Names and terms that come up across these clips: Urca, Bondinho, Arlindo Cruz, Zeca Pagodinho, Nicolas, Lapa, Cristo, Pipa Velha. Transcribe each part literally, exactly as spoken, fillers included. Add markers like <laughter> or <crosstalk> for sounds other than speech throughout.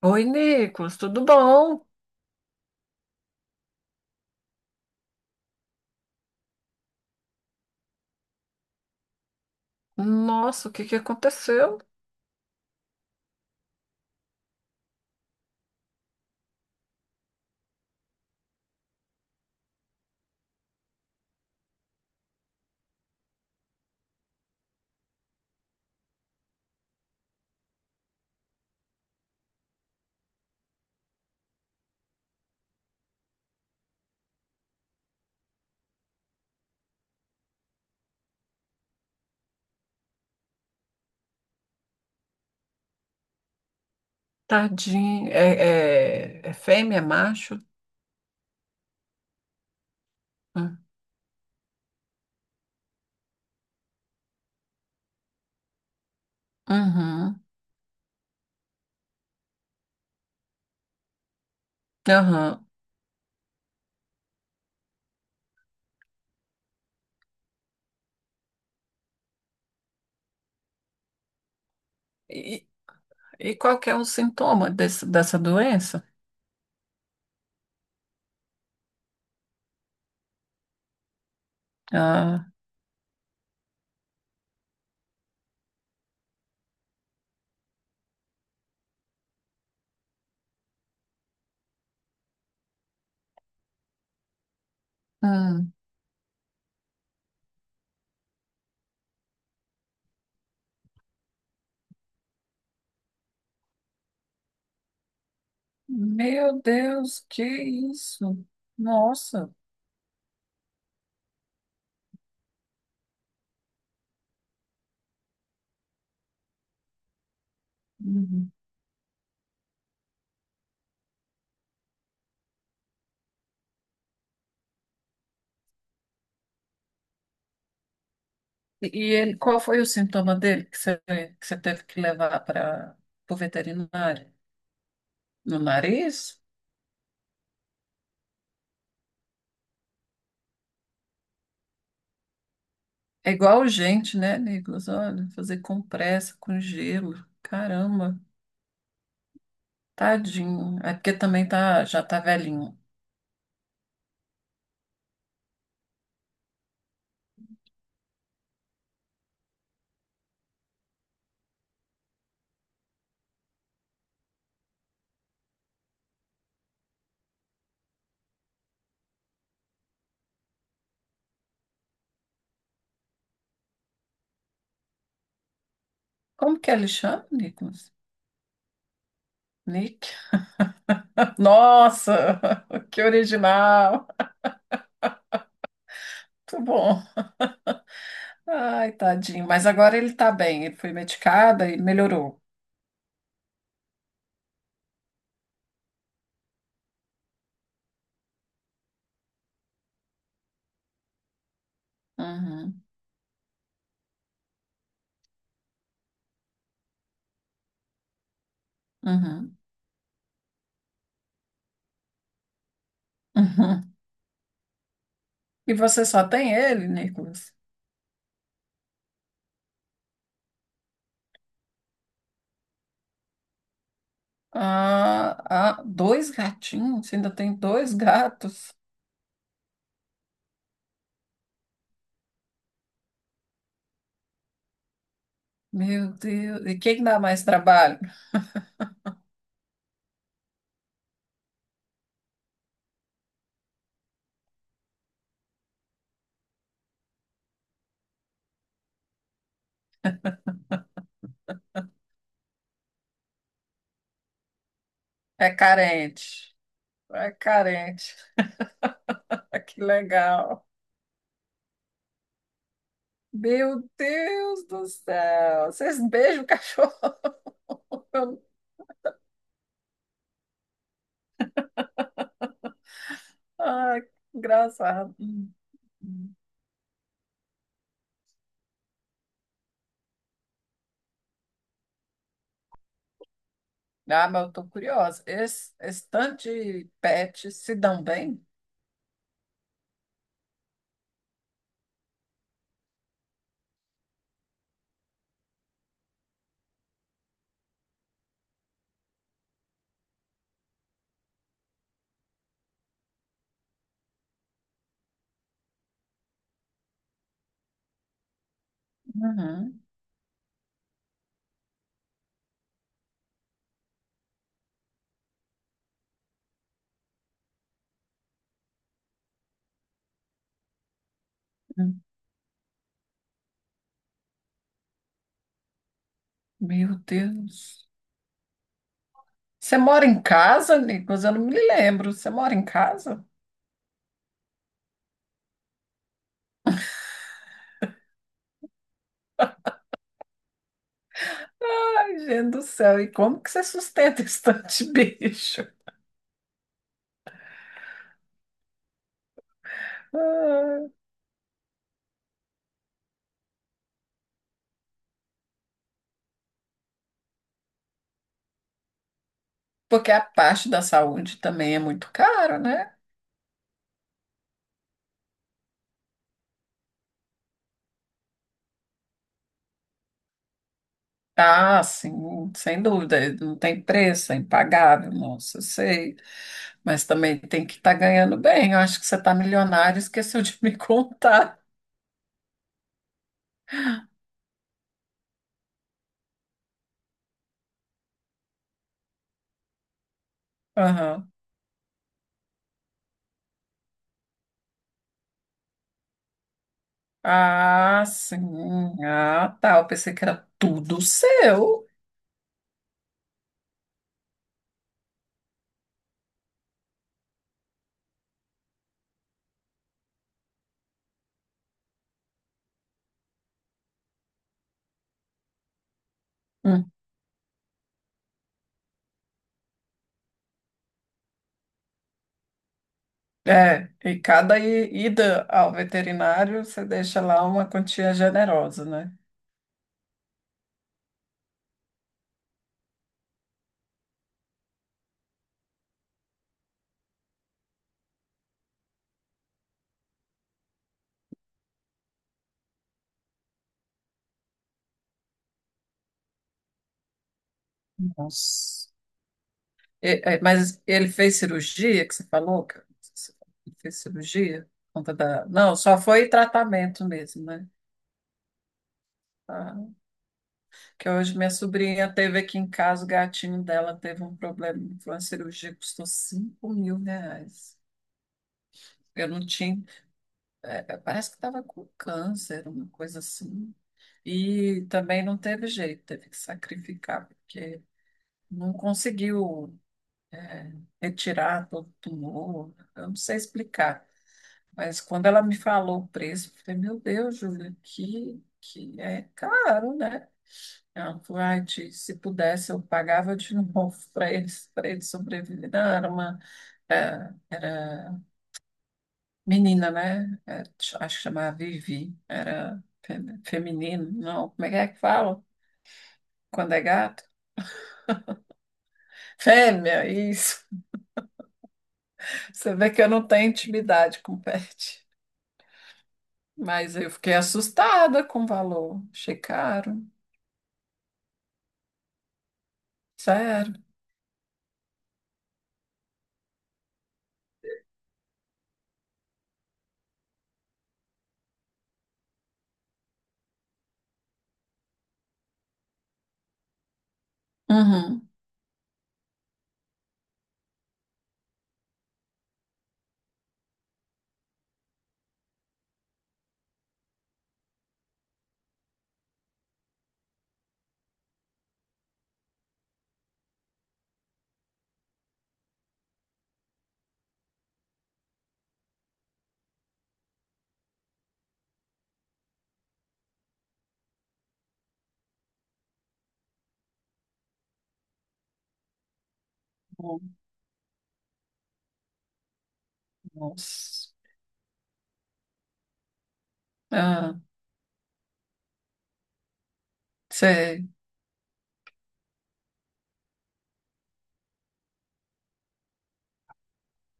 Oi, Nicolas, tudo bom? Nossa, o que que aconteceu? Tadinho. É, é, é fêmea, é macho? Hum. Uhum, aham. E, e qual que é o sintoma desse, dessa doença? Ah, hum. Meu Deus, que isso? Nossa. Uhum. E, e ele, qual foi o sintoma dele que você, que você teve que levar para o veterinário? No nariz? É igual gente, né, Nicolas? Olha, fazer compressa com gelo. Caramba, tadinho. É porque também tá, já tá velhinho. Como que ele chama, Nicolas? Nick? <laughs> Nossa, <laughs> que original. Muito bom. Ai, tadinho. Mas agora ele tá bem. Ele foi medicado e melhorou. Uhum, uhum, uhum. E você só tem ele, Nicolas? Ah, ah, dois gatinhos? Você ainda tem dois gatos? Meu Deus, e quem dá mais trabalho? É carente. É carente. <laughs> Que legal. Meu Deus do céu. Vocês beijam o cachorro? <laughs> Ai, que engraçado. Hum. Ah, mas eu tô curiosa. Esse, esse tanto de pets se dão bem? Uhum. Hum. Meu Deus. Você mora em casa, Nicolas? Eu não me lembro. Você mora em casa? Ai, gente do céu. E como que você sustenta esse tanto de bicho? <laughs> Porque a parte da saúde também é muito caro, né? Ah, sim, sem dúvida, não tem preço, é impagável, nossa, eu sei. Mas também tem que estar ganhando bem. Eu acho que você está milionário, e esqueceu de me <laughs> contar. Aham. Ah, sim. Ah, tá. Eu pensei que era tudo seu. Hum. É, e cada i- ida ao veterinário, você deixa lá uma quantia generosa, né? Nossa. É, é, mas ele fez cirurgia, que você falou? que- você falou que ele fez cirurgia? por Conta da... Não, só foi tratamento mesmo, né? Ah, que hoje minha sobrinha teve aqui em casa, o gatinho dela teve um problema, foi uma cirurgia que custou cinco mil reais. Eu não tinha, é, é, parece que estava com câncer, uma coisa assim. E também não teve jeito, teve que sacrificar, porque não conseguiu, é, retirar todo o tumor. Eu não sei explicar. Mas quando ela me falou o preço, eu falei, meu Deus, Júlia, que, que é caro, né? Ela falou, "Ai, Ti, se pudesse, eu pagava de novo <laughs> para eles, para eles sobreviverem. Não, era uma, é, era, menina, né? É, ch- acho que chamava Vivi, era fe- feminino, não, como é que é que fala? Quando é gato? Fêmea, isso. <laughs> Você vê que eu não tenho intimidade com pet. Mas eu fiquei assustada com o valor. Achei caro, sério. Uhum. Nossa. Ah, cê-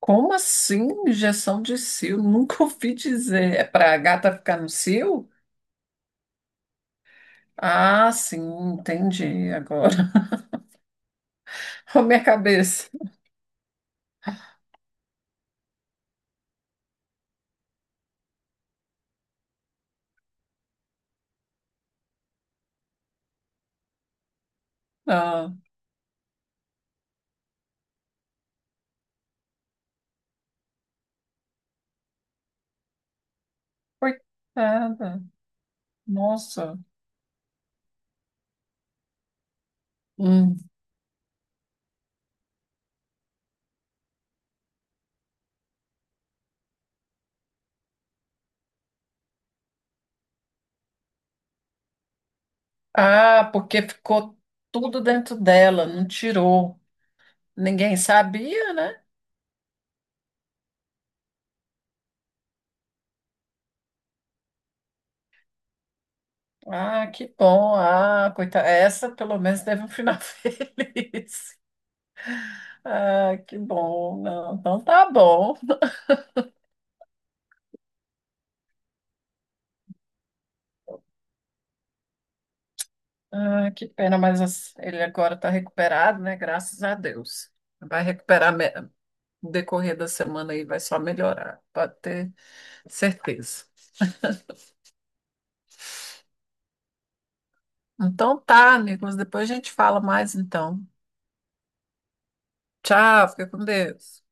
como assim injeção de cio? <laughs> Nunca ouvi dizer. É para a gata ficar no cio? Ah, sim, entendi agora. <laughs> A minha cabeça. Ah, coitada. Nossa. Hum. Ah, porque ficou tudo dentro dela, não tirou. Ninguém sabia, né? Ah, que bom. Ah, coitada. Essa pelo menos teve um final <laughs> feliz. Ah, que bom. Não, então tá bom. Ah, que pena, mas as- ele agora está recuperado, né? Graças a Deus. Vai recuperar me- no decorrer da semana e vai só melhorar, pode ter certeza. Então tá, Nicolas, depois a gente fala mais então. Tchau, fica com Deus.